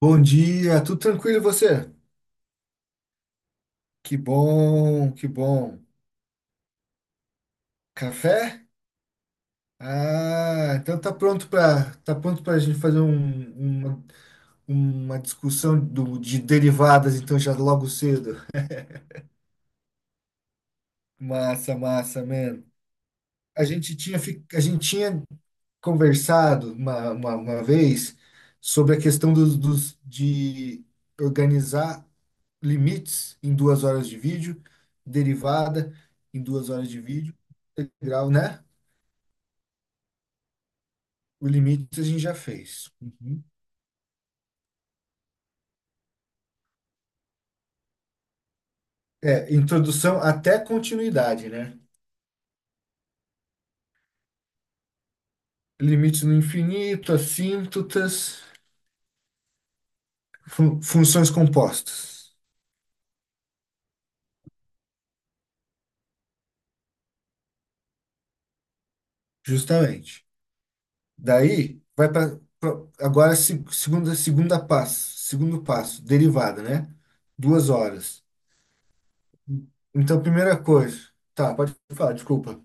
Bom dia, tudo tranquilo e você? Que bom, que bom. Café? Ah, então tá pronto para a gente fazer uma, uma discussão de derivadas, então já logo cedo. Massa, massa, man. A gente tinha conversado uma vez sobre a questão de organizar limites em 2 horas de vídeo, derivada em 2 horas de vídeo, integral, né? O limite a gente já fez. Uhum. É, introdução até continuidade, né? Limites no infinito, assíntotas, funções compostas. Justamente. Daí, vai para agora segundo passo, derivada, né? 2 horas. Então, primeira coisa, tá, pode falar, desculpa.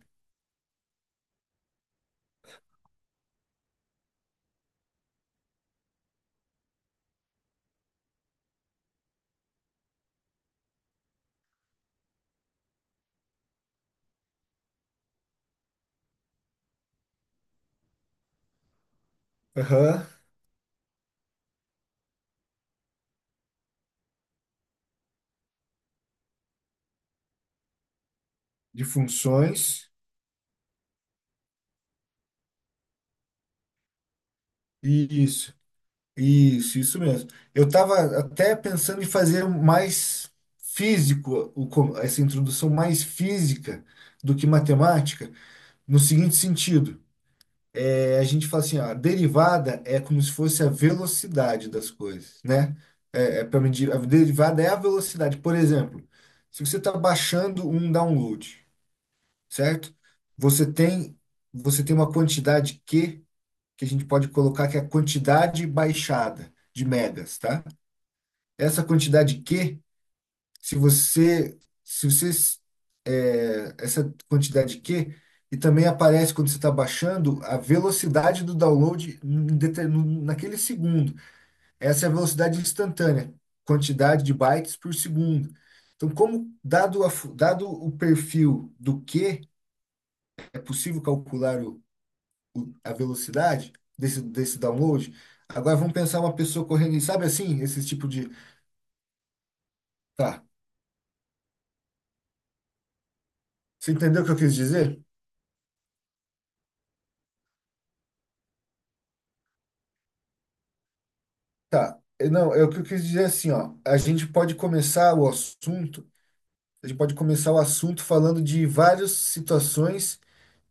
Aham, de funções. E isso. Isso mesmo. Eu estava até pensando em fazer um mais físico, essa introdução mais física do que matemática, no seguinte sentido. É, a gente fala assim, ó, a derivada é como se fosse a velocidade das coisas, né? É, para medir, a derivada é a velocidade. Por exemplo, se você está baixando um download, certo? Você tem, você tem uma quantidade Q, que a gente pode colocar que é a quantidade baixada de megas, tá? Essa quantidade Q, se você, se você, é, essa quantidade Q, e também aparece quando você está baixando a velocidade do download naquele segundo. Essa é a velocidade instantânea, quantidade de bytes por segundo. Então, como dado, dado o perfil do Q, é possível calcular a velocidade desse download? Agora vamos pensar uma pessoa correndo, e sabe assim, esse tipo de. Tá. Você entendeu o que eu quis dizer? Tá. Não, é o que eu quis dizer assim, ó. A gente pode começar o assunto, a gente pode começar o assunto falando de várias situações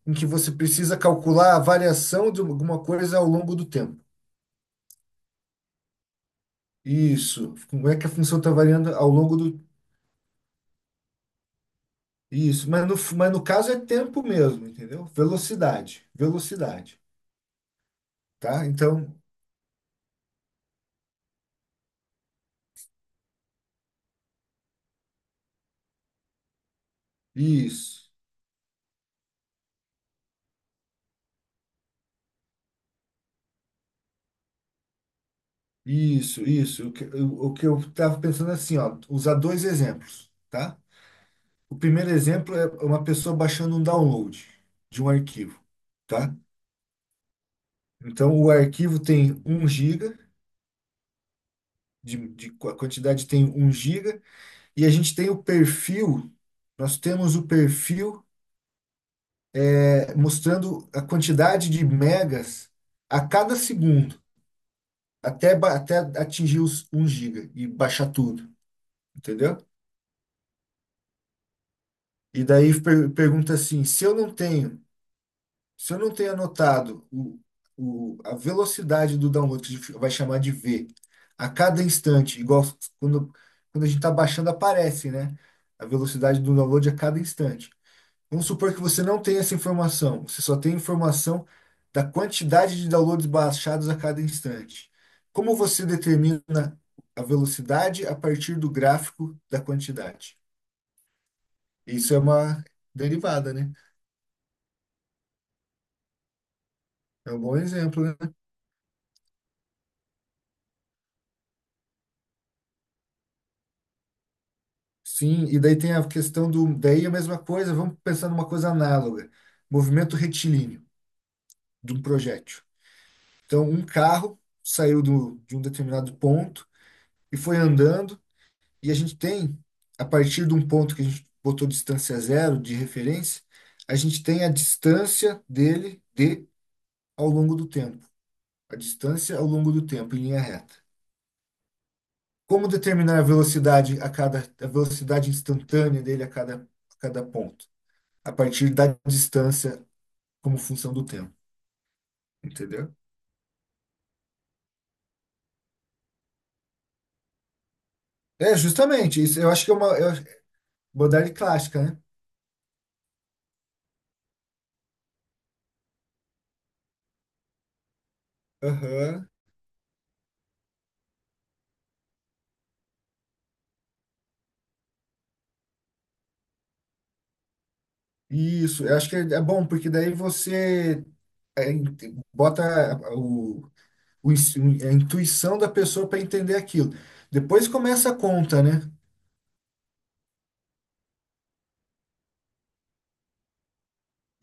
em que você precisa calcular a variação de alguma coisa ao longo do tempo. Isso. Como é que a função está variando ao longo do. Isso. Mas no caso é tempo mesmo, entendeu? Velocidade. Velocidade. Tá? Então, isso. Isso, isso. O que eu estava pensando assim, ó. Usar dois exemplos, tá? O primeiro exemplo é uma pessoa baixando um download de um arquivo, tá? Então, o arquivo tem um giga, a quantidade tem um giga, e a gente tem o perfil, nós temos o perfil mostrando a quantidade de megas a cada segundo, até atingir os um giga e baixar tudo, entendeu? E daí pergunta assim, se eu não tenho anotado a velocidade do download, que a gente vai chamar de V, a cada instante, igual quando, quando a gente está baixando, aparece, né? A velocidade do download a cada instante. Vamos supor que você não tem essa informação, você só tem informação da quantidade de downloads baixados a cada instante. Como você determina a velocidade a partir do gráfico da quantidade? Isso é uma derivada, né? É um bom exemplo, né? Sim, e daí tem a questão do. Daí a mesma coisa, vamos pensar numa coisa análoga: movimento retilíneo de um projétil. Então, um carro saiu de um determinado ponto e foi andando, e a gente tem, a partir de um ponto que a gente botou distância zero de referência, a gente tem a distância dele de ao longo do tempo. A distância ao longo do tempo, em linha reta. Como determinar a velocidade instantânea dele a cada ponto? A partir da distância como função do tempo, entendeu? É, justamente, isso eu acho que é uma modalidade clássica, né? Aham. Isso, eu acho que é bom, porque daí você é, in- bota o, o, ins- a intuição da pessoa para entender aquilo. Depois começa a conta, né?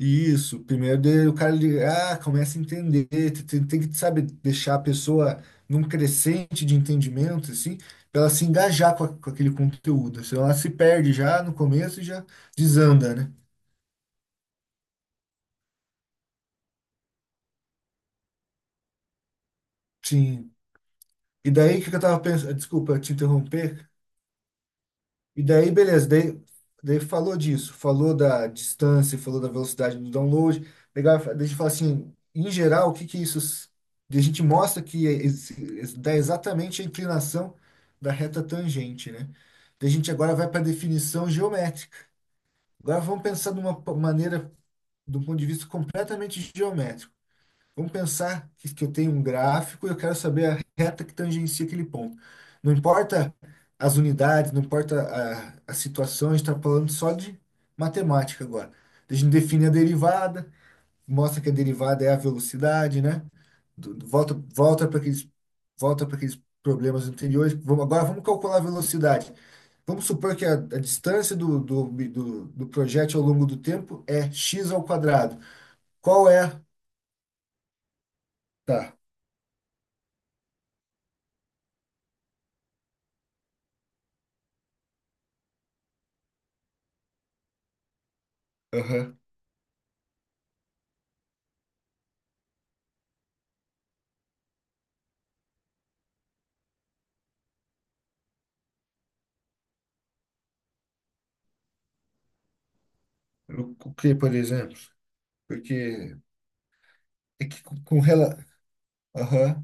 Isso, primeiro o cara ele, começa a entender, tem, que, sabe, deixar a pessoa num crescente de entendimento, assim, para ela se engajar com aquele conteúdo. Senão ela se perde já no começo e já desanda, né? Sim. E daí o que que eu tava pensando? Desculpa te interromper. E daí, beleza, daí falou disso, falou da distância, falou da velocidade do download. Legal, daí a gente fala assim, em geral, o que que isso. Daí a gente mostra que dá exatamente a inclinação da reta tangente, né? Daí a gente agora vai para a definição geométrica. Agora vamos pensar de uma maneira, de um ponto de vista completamente geométrico. Vamos pensar que eu tenho um gráfico e eu quero saber a reta que tangencia aquele ponto. Não importa as unidades, não importa a situação, a gente está falando só de matemática agora. A gente define a derivada, mostra que a derivada é a velocidade, né? Do- do- volta volta para aqueles, volta para aqueles problemas anteriores. Agora vamos calcular a velocidade. Vamos supor que a distância do projétil ao longo do tempo é x ao quadrado. Qual é? Tá. O que, por exemplo? Porque é que com rela. Aham,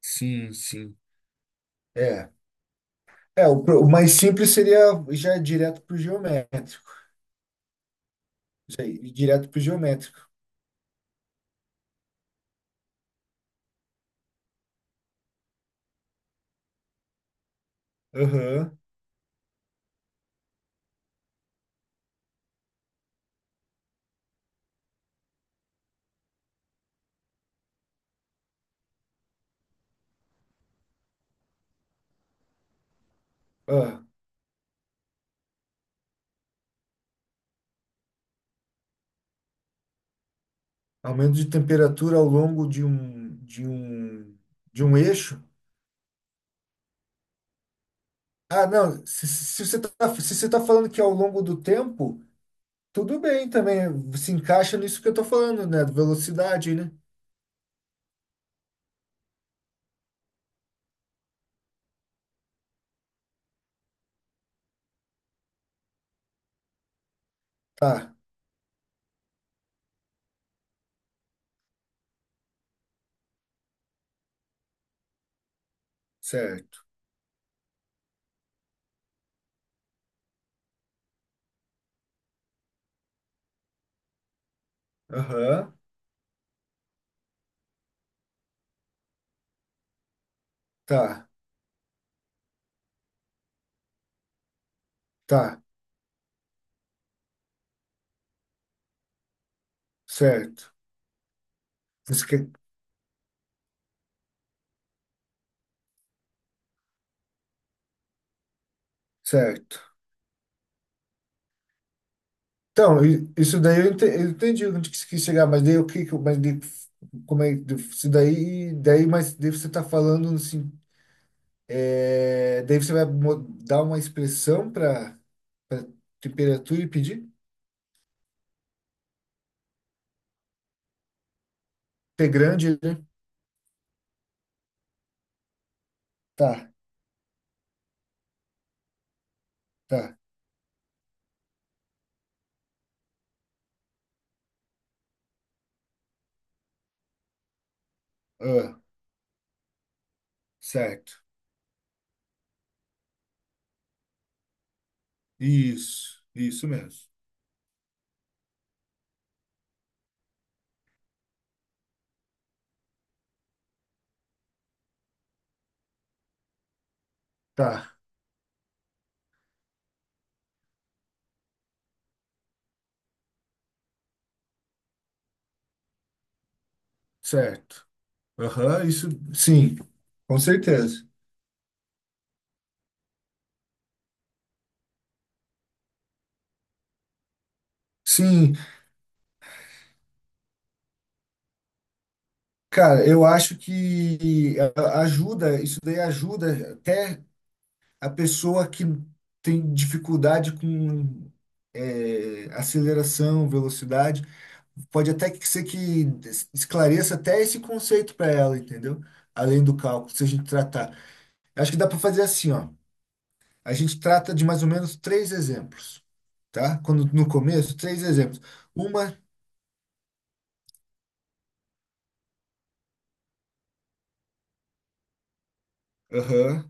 sim, sim. É. É, o mais simples seria já direto para o geométrico. Isso aí, ir direto para o geométrico. Aham. Ah, aumento de temperatura ao longo de um eixo. Ah, não. Se você tá falando que ao longo do tempo, tudo bem também. Se encaixa nisso que eu estou falando, né? Velocidade, né? Tá, certo. Aham, tá, tá, certo. Você quer. Certo. Então, isso daí eu entendi onde que você quis chegar, mas daí o que que eu- mas daí, isso mas daí você está falando assim, daí você vai dar uma expressão para temperatura e pedir? T grande, né? Tá, tá. Ah, certo. Isso mesmo. Tá, certo. Aham, isso, sim, com certeza. Sim, cara, eu acho que ajuda, isso daí ajuda até a pessoa que tem dificuldade com aceleração, velocidade. Pode até que ser que esclareça até esse conceito para ela, entendeu? Além do cálculo, se a gente tratar. Acho que dá para fazer assim, ó. A gente trata de mais ou menos três exemplos, tá? Quando no começo, três exemplos. Uma, aham,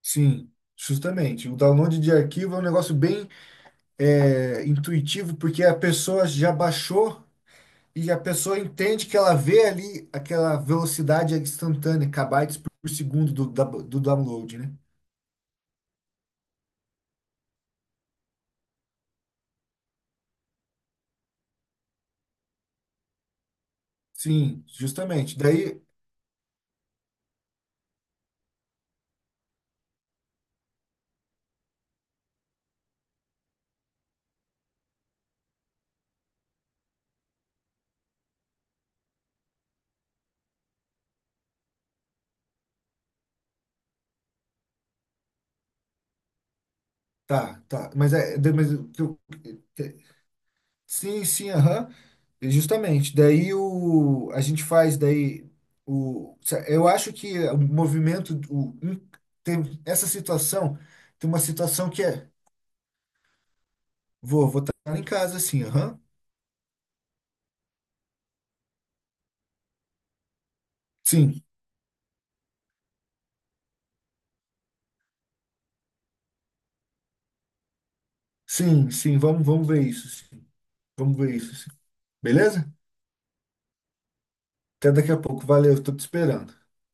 sim, justamente. O download de arquivo é um negócio bem intuitivo, porque a pessoa já baixou e a pessoa entende que ela vê ali aquela velocidade instantânea, kbytes por segundo do download, né? Sim, justamente. Daí, tá, tá. Mas é. Mas, o que eu- te- sim, sim, aham. Justamente. Daí a gente faz daí o. Eu acho que o movimento. Tem essa situação. Tem uma situação que é. Vou estar em casa, assim, aham. Sim. Sim, sim, vamos ver isso, sim. Vamos ver isso, sim. Beleza? Até daqui a pouco. Valeu, estou te esperando.